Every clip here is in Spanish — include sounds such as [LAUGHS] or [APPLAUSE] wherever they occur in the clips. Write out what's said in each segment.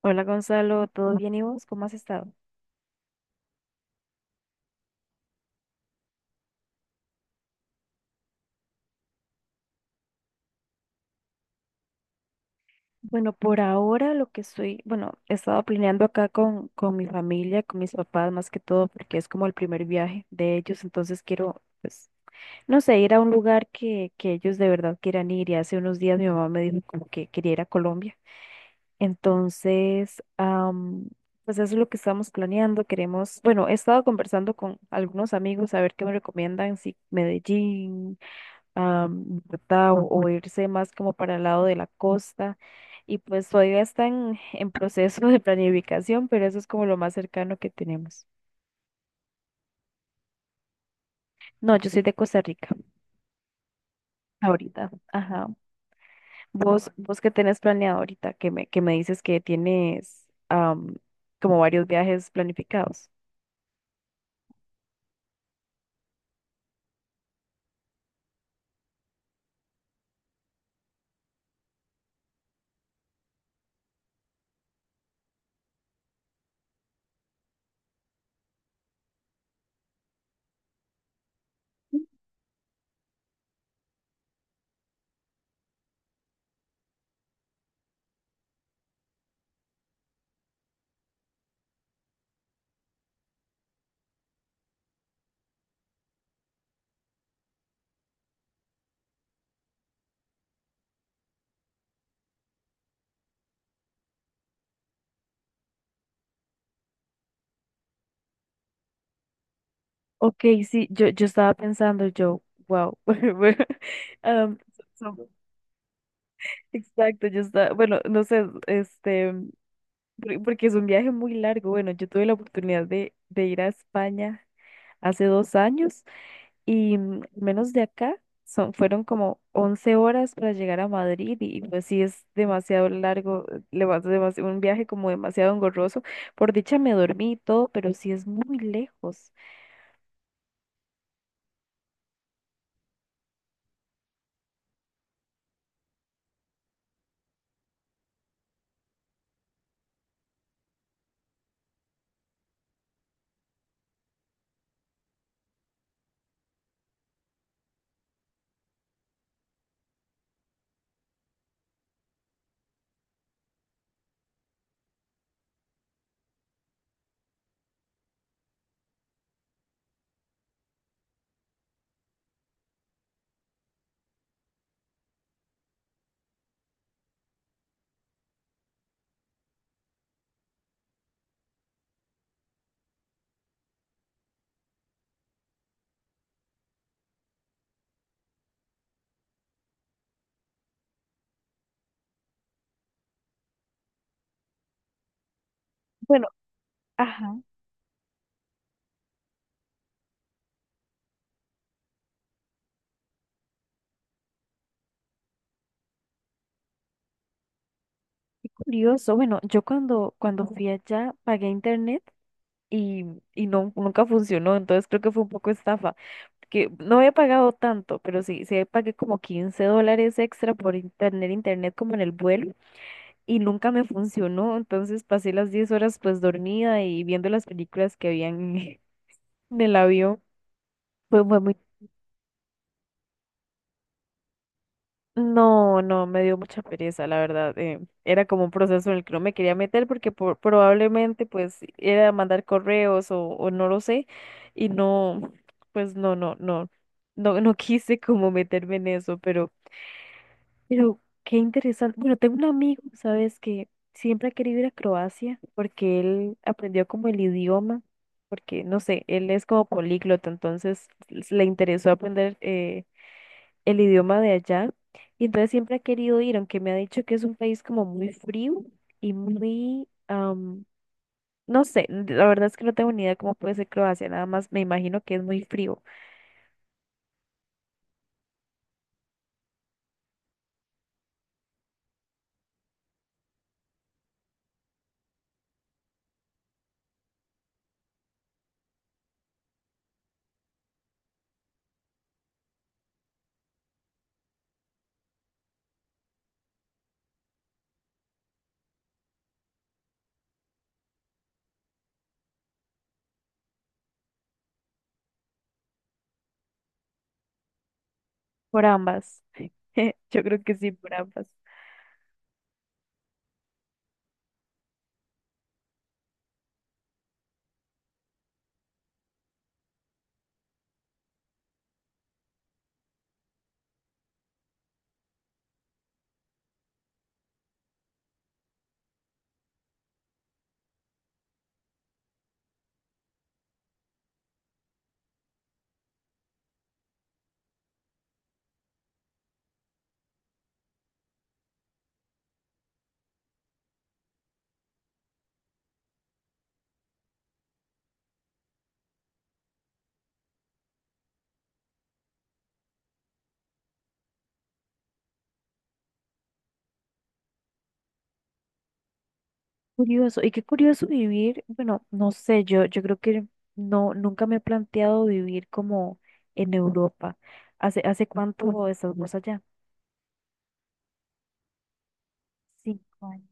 Hola Gonzalo, ¿todo bien y vos? ¿Cómo has estado? Bueno, por ahora lo que estoy, bueno, he estado planeando acá con mi familia, con mis papás más que todo, porque es como el primer viaje de ellos, entonces quiero, pues, no sé, ir a un lugar que ellos de verdad quieran ir. Y hace unos días mi mamá me dijo como que quería ir a Colombia. Entonces, pues eso es lo que estamos planeando. Queremos, bueno, he estado conversando con algunos amigos a ver qué me recomiendan, si Medellín. Ah, ¿verdad? O irse más como para el lado de la costa. Y pues todavía están en proceso de planificación, pero eso es como lo más cercano que tenemos. No, yo soy de Costa Rica ahorita. Ajá. Vos que tenés planeado ahorita, que me dices que tienes como varios viajes planificados. Ok, sí, yo estaba pensando, yo, wow, [LAUGHS] bueno, am, son- exacto, yo estaba, bueno, no sé, este, Porque es un viaje muy largo. Bueno, yo tuve la oportunidad de ir a España hace 2 años y al menos de acá fueron como 11 horas para llegar a Madrid y pues sí es demasiado largo, le vas demasiado un viaje como demasiado engorroso. Por dicha me dormí y todo, pero sí es muy lejos. Bueno, ajá, qué curioso. Bueno, yo cuando, cuando fui allá pagué internet y, y no, nunca funcionó, entonces creo que fue un poco estafa. Que no había pagado tanto, pero sí, sí pagué como $15 extra por tener internet como en el vuelo y nunca me funcionó, entonces pasé las 10 horas pues dormida y viendo las películas que habían [LAUGHS] en el avión. Fue muy... No, no, me dio mucha pereza, la verdad. Era como un proceso en el que no me quería meter porque probablemente pues era mandar correos o no lo sé y no, pues no, no, no, no, no [LAUGHS] quise como meterme en eso, pero... Pero qué interesante. Bueno, tengo un amigo, ¿sabes? Que siempre ha querido ir a Croacia porque él aprendió como el idioma, porque no sé, él es como políglota, entonces le interesó aprender el idioma de allá. Y entonces siempre ha querido ir, aunque me ha dicho que es un país como muy frío y muy, no sé, la verdad es que no tengo ni idea cómo puede ser Croacia, nada más me imagino que es muy frío por ambas. [LAUGHS] Yo creo que sí, por ambas. Curioso, y qué curioso vivir, bueno, no sé, yo creo que no, nunca me he planteado vivir como en Europa. ¿Hace cuánto estás vos allá? 5 años.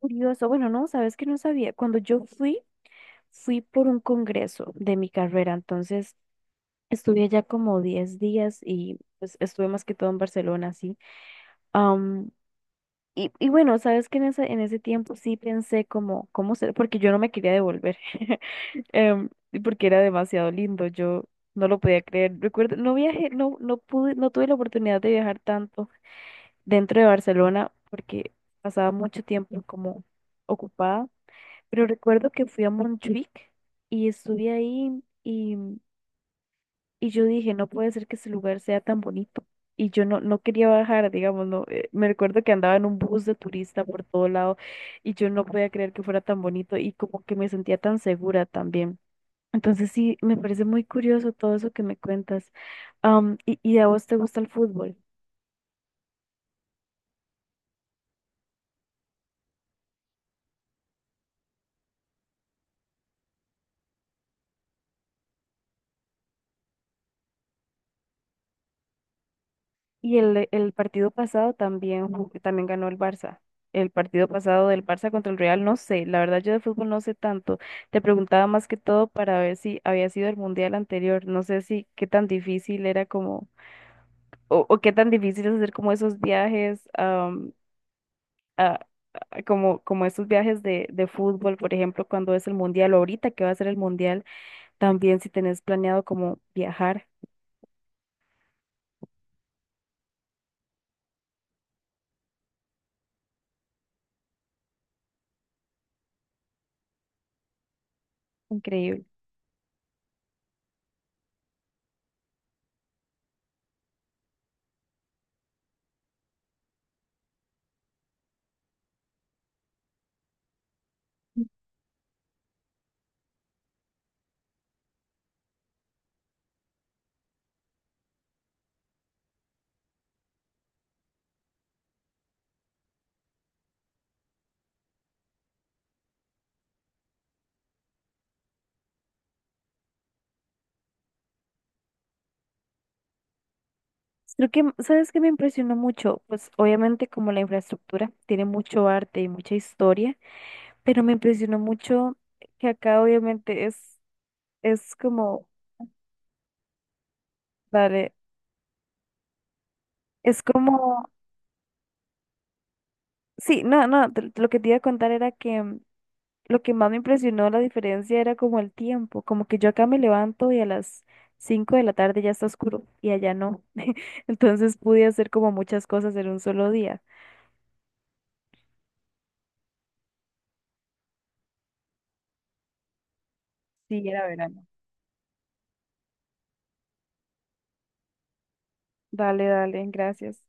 Curioso, bueno, no, sabes que no sabía. Cuando yo fui, fui por un congreso de mi carrera, entonces estuve allá como 10 días y pues estuve más que todo en Barcelona, sí. Am, y bueno, sabes que en ese tiempo sí pensé como, cómo ser, porque yo no me quería devolver. [LAUGHS] Y porque era demasiado lindo, yo no lo podía creer. Recuerdo, no viajé, no, no pude, no tuve la oportunidad de viajar tanto dentro de Barcelona porque pasaba mucho tiempo como ocupada, pero recuerdo que fui a Montjuic y estuve ahí y yo dije, no puede ser que ese lugar sea tan bonito. Y yo no, no quería bajar, digamos, no, me recuerdo que andaba en un bus de turista por todo lado y yo no podía creer que fuera tan bonito y como que me sentía tan segura también. Entonces sí, me parece muy curioso todo eso que me cuentas. Y a vos te gusta el fútbol. Y el partido pasado también, también ganó el Barça. El partido pasado del Barça contra el Real, no sé, la verdad yo de fútbol no sé tanto. Te preguntaba más que todo para ver si había sido el mundial anterior. No sé si qué tan difícil era como, o qué tan difícil es hacer como esos viajes, a- como, como esos viajes de fútbol, por ejemplo, cuando es el mundial, o ahorita que va a ser el mundial. También si tenés planeado como viajar, increíble. Creo que, ¿sabes qué me impresionó mucho? Pues obviamente como la infraestructura tiene mucho arte y mucha historia, pero me impresionó mucho que acá obviamente es como, vale, es como, sí, no, no, lo que te iba a contar era que lo que más me impresionó la diferencia era como el tiempo, como que yo acá me levanto y a las 5 de la tarde ya está oscuro y allá no. [LAUGHS] Entonces pude hacer como muchas cosas en un solo día. Sí, era verano. Dale, dale, gracias.